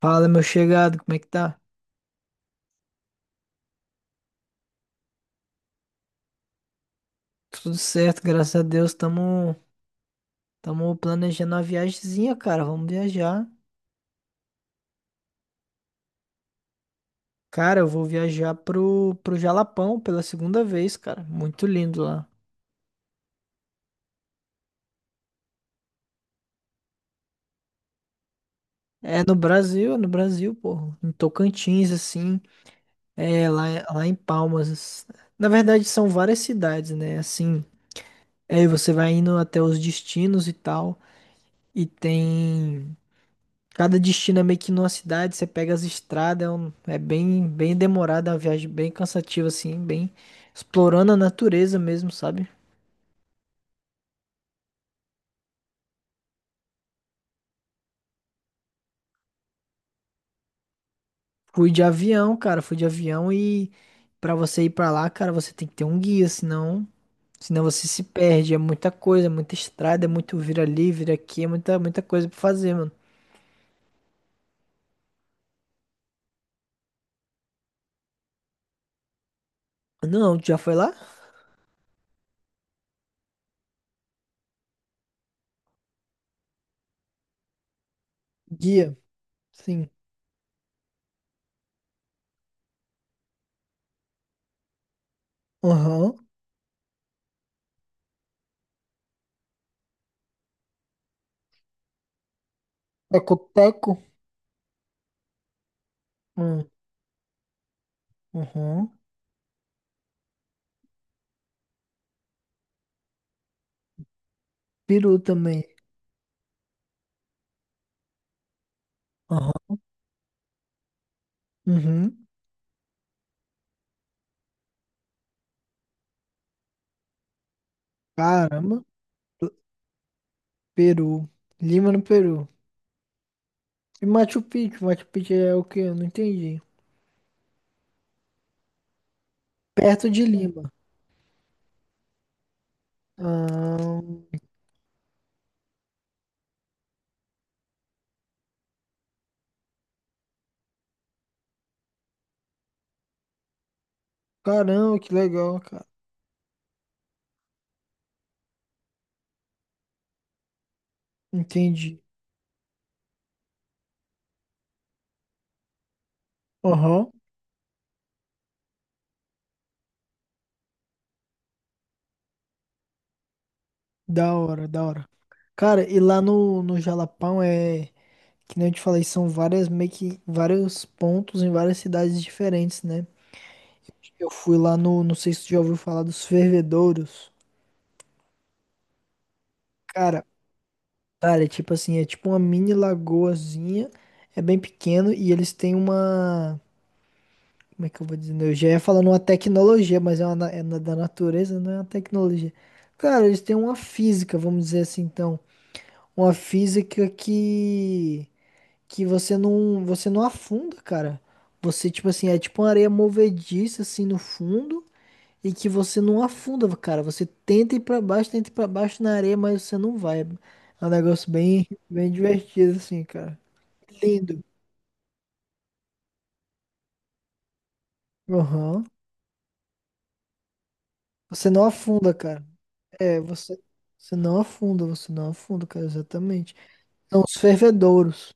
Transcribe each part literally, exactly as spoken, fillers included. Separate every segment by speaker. Speaker 1: Fala, meu chegado, como é que tá? Tudo certo, graças a Deus. Tamo, tamo planejando uma viagemzinha, cara. Vamos viajar. Cara, eu vou viajar pro, pro Jalapão pela segunda vez, cara. Muito lindo lá. É no Brasil, é no Brasil, pô. Em Tocantins, assim. É, lá, lá em Palmas. Na verdade, são várias cidades, né? Assim, aí você vai indo até os destinos e tal. E tem. Cada destino é meio que numa cidade, você pega as estradas, é, um- é bem, bem demorada, é uma viagem bem cansativa, assim, bem explorando a natureza mesmo, sabe? Fui de avião, cara, fui de avião e pra você ir pra lá, cara, você tem que ter um guia, senão, senão você se perde, é muita coisa, é muita estrada, é muito vira ali, vira aqui, é muita, muita coisa pra fazer, mano. Não, tu já foi lá? Guia, sim. Aham. Teco-teco. Hum. Aham. Peru também. Aham. Uhum. Caramba. Peru. Lima no Peru. E Machu Picchu? Machu Picchu é o quê? Eu não entendi. Perto de Lima. Ah, caramba, que legal, cara. Entendi. Aham. Da hora, da hora. Cara, e lá no, no Jalapão é, que nem eu te falei, são várias, meio que vários pontos em várias cidades diferentes, né? Eu fui lá no, não sei se tu já ouviu falar dos fervedouros. Cara, cara, é tipo assim, é tipo uma mini lagoazinha, é bem pequeno e eles têm uma. Como é que eu vou dizer? Eu já ia falando uma tecnologia, mas é, uma, na- é na- da natureza, não é uma tecnologia. Cara, eles têm uma física, vamos dizer assim, então. Uma física que, que você não, você não afunda, cara. Você, tipo assim, é tipo uma areia movediça, assim, no fundo, e que você não afunda, cara. Você tenta ir pra baixo, tenta ir pra baixo na areia, mas você não vai. É um negócio bem, bem divertido, assim, cara. Lindo. Aham. Você não afunda, cara. É, você, você não afunda, você não afunda, cara, exatamente. São os fervedouros.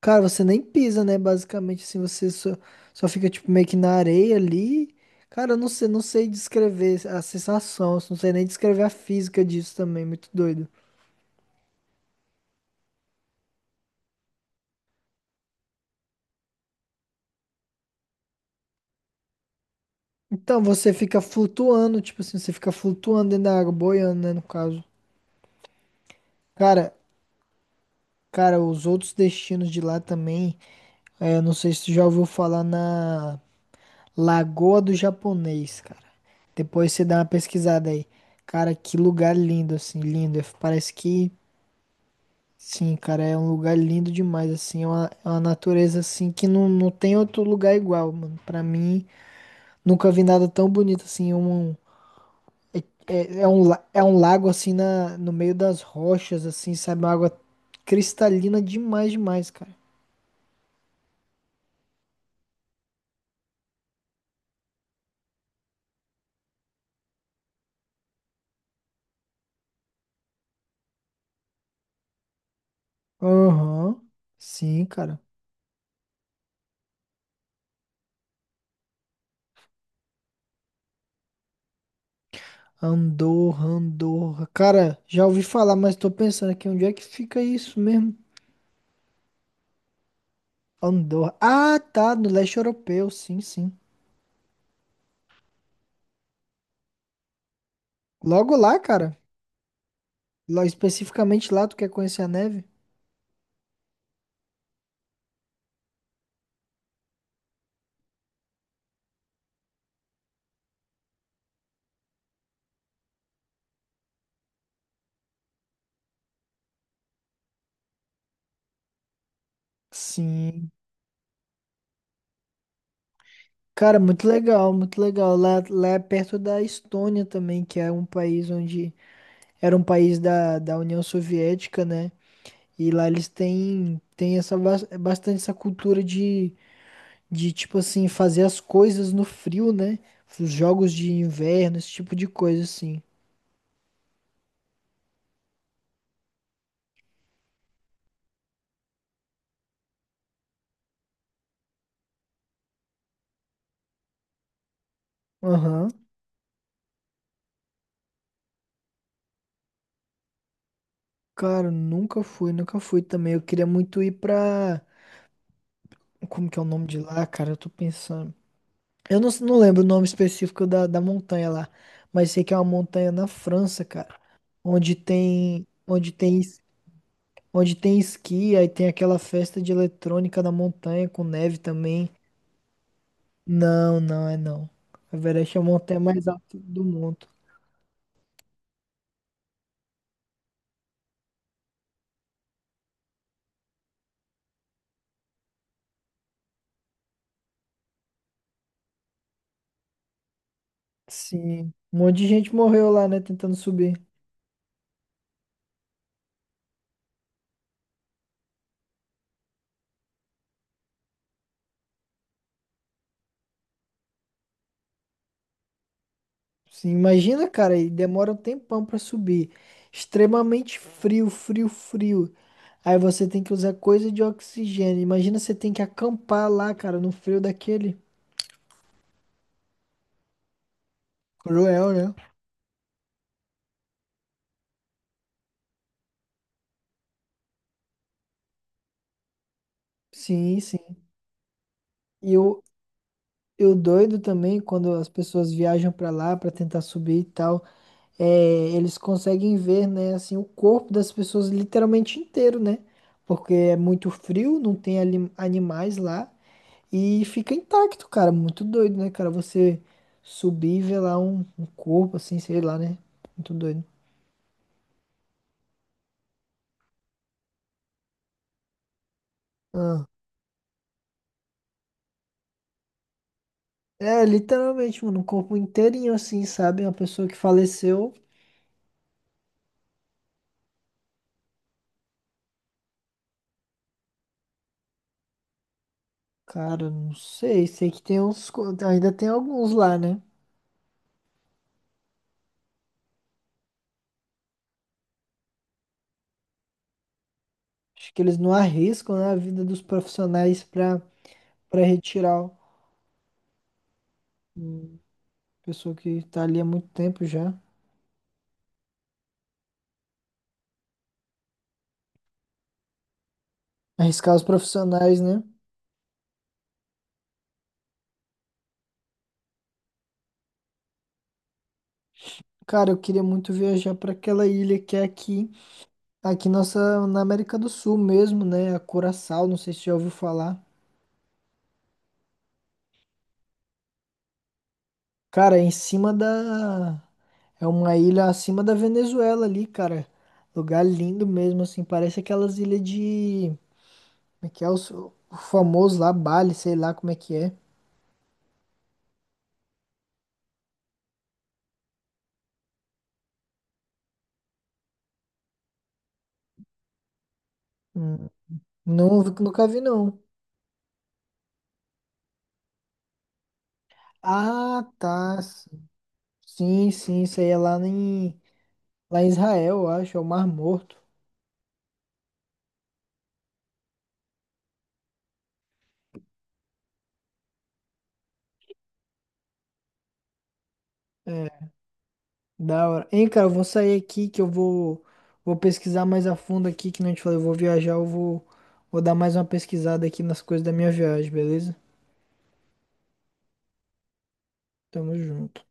Speaker 1: Cara, você nem pisa, né? Basicamente, assim, você só, só fica, tipo, meio que na areia ali. Cara, eu não sei, não sei descrever a sensação, eu não sei nem descrever a física disso também, muito doido. Então, você fica flutuando, tipo assim, você fica flutuando dentro da água, boiando, né, no caso. Cara, cara, os outros destinos de lá também, é, eu não sei se você já ouviu falar na... Lagoa do Japonês, cara. Depois você dá uma pesquisada aí. Cara, que lugar lindo, assim, lindo. Eu- Parece que, sim, cara, é um lugar lindo demais, assim. É uma, é uma natureza, assim, que não, não tem outro lugar igual, mano. Pra mim, nunca vi nada tão bonito, assim. Um, um, é, é- é um, la- é um lago, assim, na, no meio das rochas, assim, sabe? Uma água cristalina demais, demais, cara. Aham, sim, cara. Andorra, Andorra. Cara, já ouvi falar, mas tô pensando aqui onde é que fica isso mesmo? Andorra. Ah, tá, no leste europeu, sim, sim. Logo lá, cara. Lá, especificamente lá, tu quer conhecer a neve? Sim. Cara, muito legal, muito legal. Lá, lá é perto da Estônia também, que é um país onde era um país da, da União Soviética, né? E lá eles têm, têm essa, bas- bastante essa cultura de de tipo assim, fazer as coisas no frio, né? Os jogos de inverno, esse tipo de coisa assim. Aham. Cara, nunca fui, nunca fui também. Eu queria muito ir pra. Como que é o nome de lá, cara? Eu tô pensando. Eu não, não lembro o nome específico da, da montanha lá, mas sei que é uma montanha na França, cara, onde tem, onde tem, es- onde tem esqui, aí tem aquela festa de eletrônica na montanha com neve também. Não, não é não. A Everest é a montanha mais alta do mundo. Sim, um monte de gente morreu lá, né, tentando subir. Sim, imagina, cara, e demora um tempão pra subir. Extremamente frio, frio, frio. Aí você tem que usar coisa de oxigênio. Imagina você tem que acampar lá, cara, no frio daquele. Cruel, né? Sim, sim. E eu, eu doido também quando as pessoas viajam pra lá pra tentar subir e tal, é, eles conseguem ver, né, assim, o corpo das pessoas literalmente inteiro, né? Porque é muito frio, não tem ali- animais lá. E fica intacto, cara. Muito doido, né, cara? Você subir e ver lá um, um corpo, assim, sei lá, né? Muito doido. Ah. É, literalmente, mano, um corpo inteirinho, assim, sabe? Uma pessoa que faleceu. Cara, não sei. Sei que tem uns. co- Ainda tem alguns lá, né? Acho que eles não arriscam, né, a vida dos profissionais pra, pra retirar o- a pessoa que tá ali há muito tempo já. Arriscar os profissionais, né? Cara, eu queria muito viajar pra aquela ilha que é aqui. Tá aqui nossa, na América do Sul mesmo, né? A Curaçao, não sei se já ouviu falar. Cara, é em cima da. É uma ilha acima da Venezuela ali, cara. Lugar lindo mesmo, assim. Parece aquelas ilhas de. Como é que é? Os- O famoso lá, Bali, sei lá como é que é. Hum. Não, nunca vi, não. Ah, tá. Sim, sim, isso aí é lá em, lá em Israel, eu acho. É o Mar Morto. É. Da hora. Hein, cara, eu vou sair aqui que eu vou, vou pesquisar mais a fundo aqui, que não te falei, eu vou viajar, eu vou, vou dar mais uma pesquisada aqui nas coisas da minha viagem, beleza? Tamo junto.